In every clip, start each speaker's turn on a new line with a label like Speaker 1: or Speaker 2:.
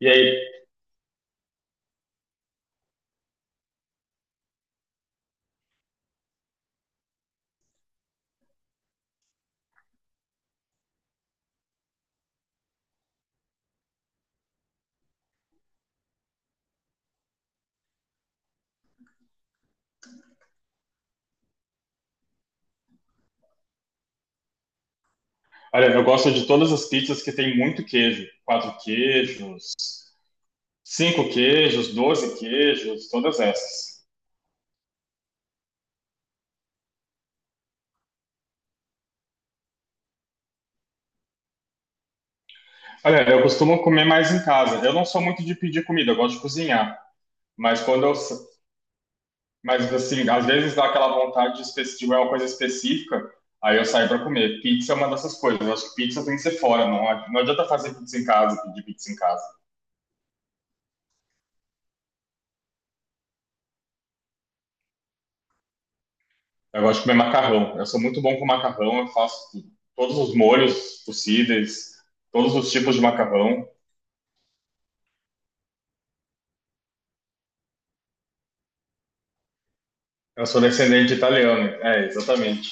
Speaker 1: E aí, olha, eu gosto de todas as pizzas que tem muito queijo. Quatro queijos, cinco queijos, doze queijos, todas essas. Olha, eu costumo comer mais em casa. Eu não sou muito de pedir comida, eu gosto de cozinhar. Mas quando eu, sa- mas assim, às vezes dá aquela vontade de de uma coisa específica, aí eu saio para comer. Pizza é uma dessas coisas. Eu acho que pizza tem que ser fora, não adianta fazer pizza em casa, pedir pizza em casa. Eu gosto de comer macarrão. Eu sou muito bom com macarrão. Eu faço todos os molhos possíveis, todos os tipos de macarrão. Eu sou descendente de italiano. É, exatamente.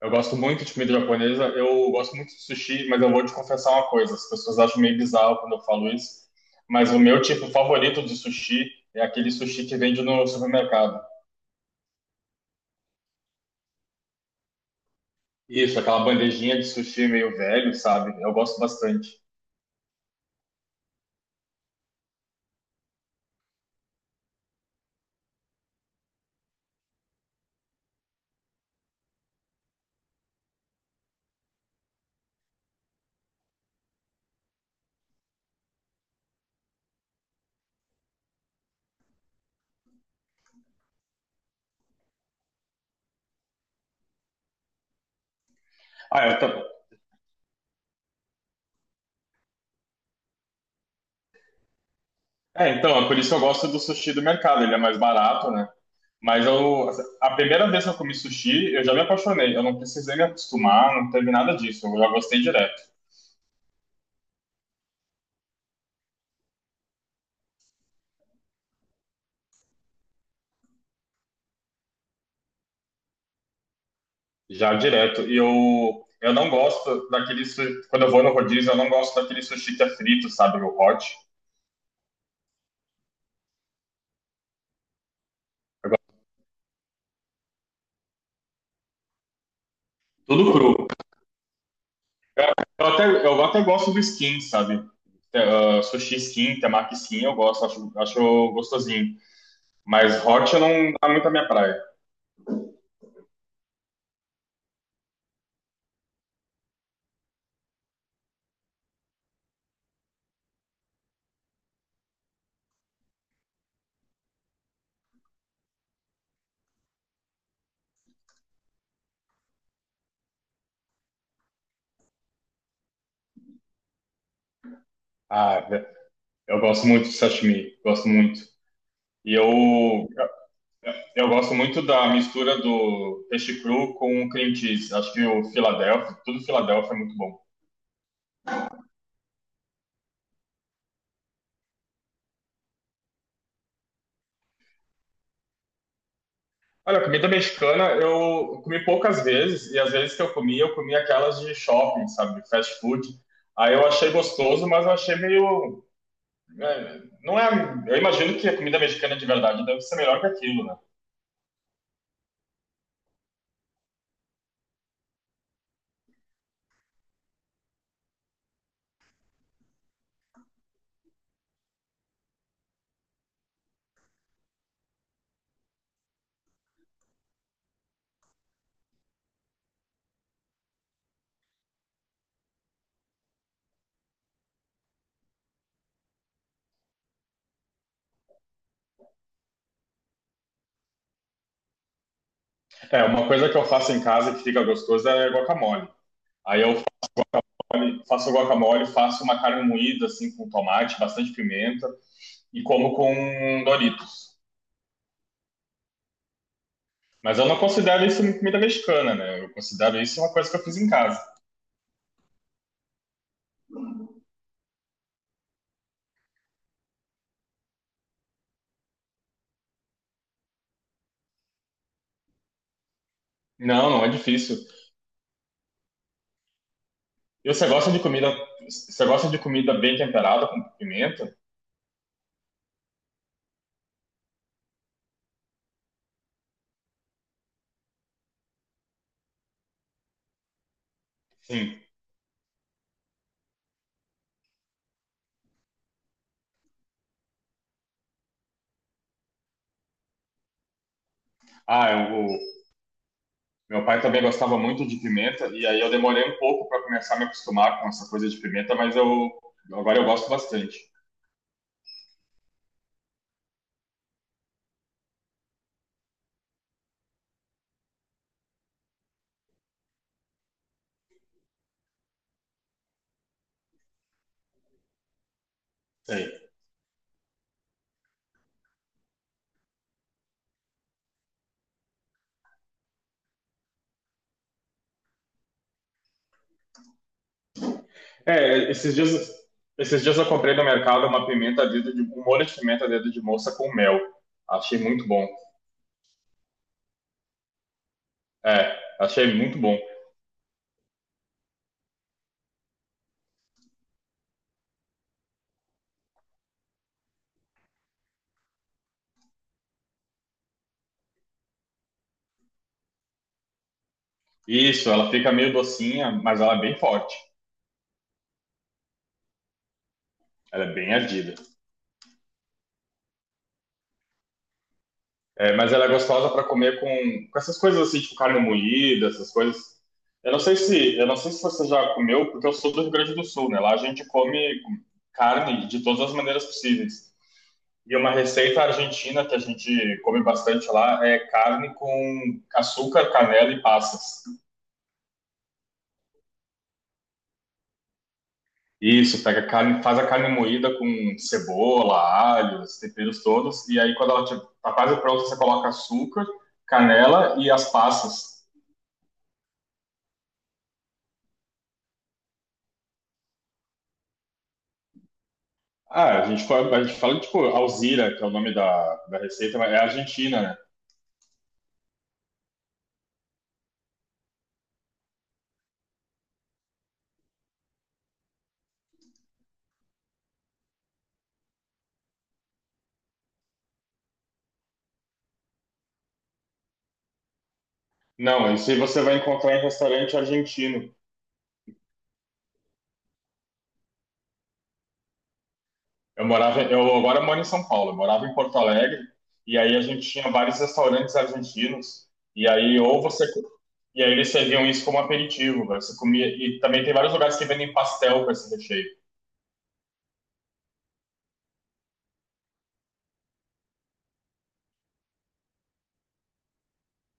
Speaker 1: Eu gosto muito de comida japonesa. Eu gosto muito de sushi, mas eu vou te confessar uma coisa. As pessoas acham meio bizarro quando eu falo isso. Mas o meu tipo favorito de sushi é aquele sushi que vende no supermercado. Isso, aquela bandejinha de sushi meio velho, sabe? Eu gosto bastante. Ah, eu tam- É, então, é por isso que eu gosto do sushi do mercado. Ele é mais barato, né? Mas eu, a primeira vez que eu comi sushi, eu já me apaixonei. Eu não precisei me acostumar, não teve nada disso. Eu já gostei direto. Já direto. E eu não gosto daquele sushi. Quando eu vou no rodízio, eu não gosto daquele sushi que é frito, sabe? O hot. Eu gosto de tudo cru. Eu, eu até gosto do skin, sabe? Sushi skin, temaki skin, eu gosto, acho gostosinho. Mas hot eu não dá muito a minha praia. Ah, eu gosto muito de sashimi, gosto muito. E eu gosto muito da mistura do peixe cru com cream cheese. Acho que o Philadelphia, tudo Philadelphia é muito bom. Olha, comida mexicana eu comi poucas vezes, e as vezes que eu comi aquelas de shopping, sabe? De fast food. Aí eu achei gostoso, mas eu achei meio. É, não é. Eu imagino que a comida mexicana de verdade deve ser melhor que aquilo, né? É, uma coisa que eu faço em casa que fica gostoso é guacamole. Aí eu faço guacamole, faço uma carne moída, assim, com tomate, bastante pimenta, e como com um Dorito. Mas eu não considero isso comida mexicana, né? Eu considero isso uma coisa que eu fiz em casa. Não, não é difícil. E você gosta de comida, você gosta de comida bem temperada com pimenta? Sim. Ah, eu, o- Meu pai também gostava muito de pimenta e aí eu demorei um pouco para começar a me acostumar com essa coisa de pimenta, mas eu agora eu gosto bastante. Sei. É, esses dias eu comprei no mercado uma pimenta dedo de um molho de pimenta dedo de moça com mel. Achei muito bom. É, achei muito bom. Isso, ela fica meio docinha, mas ela é bem forte. Ela é bem ardida. É, mas ela é gostosa para comer com essas coisas assim, tipo carne moída, essas coisas. Eu não sei se você já comeu, porque eu sou do Rio Grande do Sul, né? Lá a gente come carne de todas as maneiras possíveis. E uma receita argentina que a gente come bastante lá é carne com açúcar, canela e passas. Isso, pega a carne, faz a carne moída com cebola, alho, os temperos todos, e aí quando ela tipo, tá quase pronta, você coloca açúcar, canela e as passas. Ah, a gente fala tipo Alzira, que é o nome da receita, mas é argentina, né? Não, isso aí você vai encontrar em restaurante argentino. Eu morava, eu agora moro em São Paulo, eu morava em Porto Alegre, e aí a gente tinha vários restaurantes argentinos, e aí ou você e aí eles serviam isso como aperitivo, velho, você comia e também tem vários lugares que vendem pastel com esse recheio.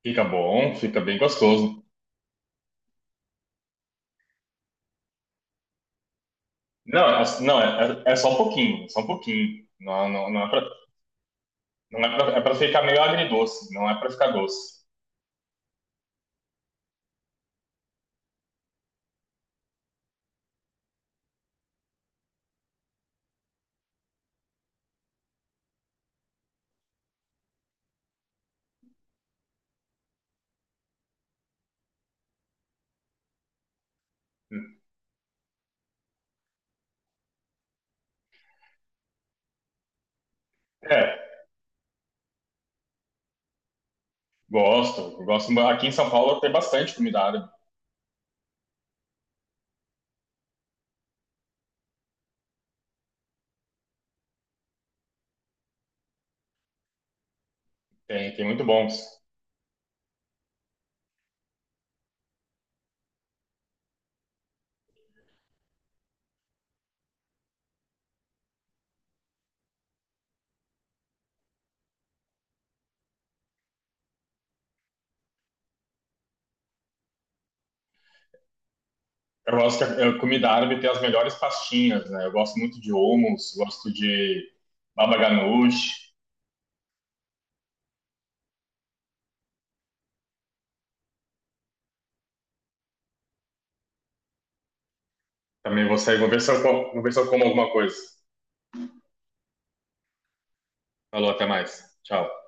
Speaker 1: Fica bom, fica bem gostoso. Não, é, não é, é, é só um pouquinho, é só um pouquinho. Não é pra, é pra ficar meio agridoce, não é pra ficar doce. É, gosto, gosto. Aqui em São Paulo tem bastante comida árabe, tem, tem muito bons. Eu gosto que a comida árabe tem as melhores pastinhas, né? Eu gosto muito de hummus, gosto de baba ganoush. Também vou sair, vou ver se eu como, vou ver se eu como alguma coisa. Falou, até mais. Tchau.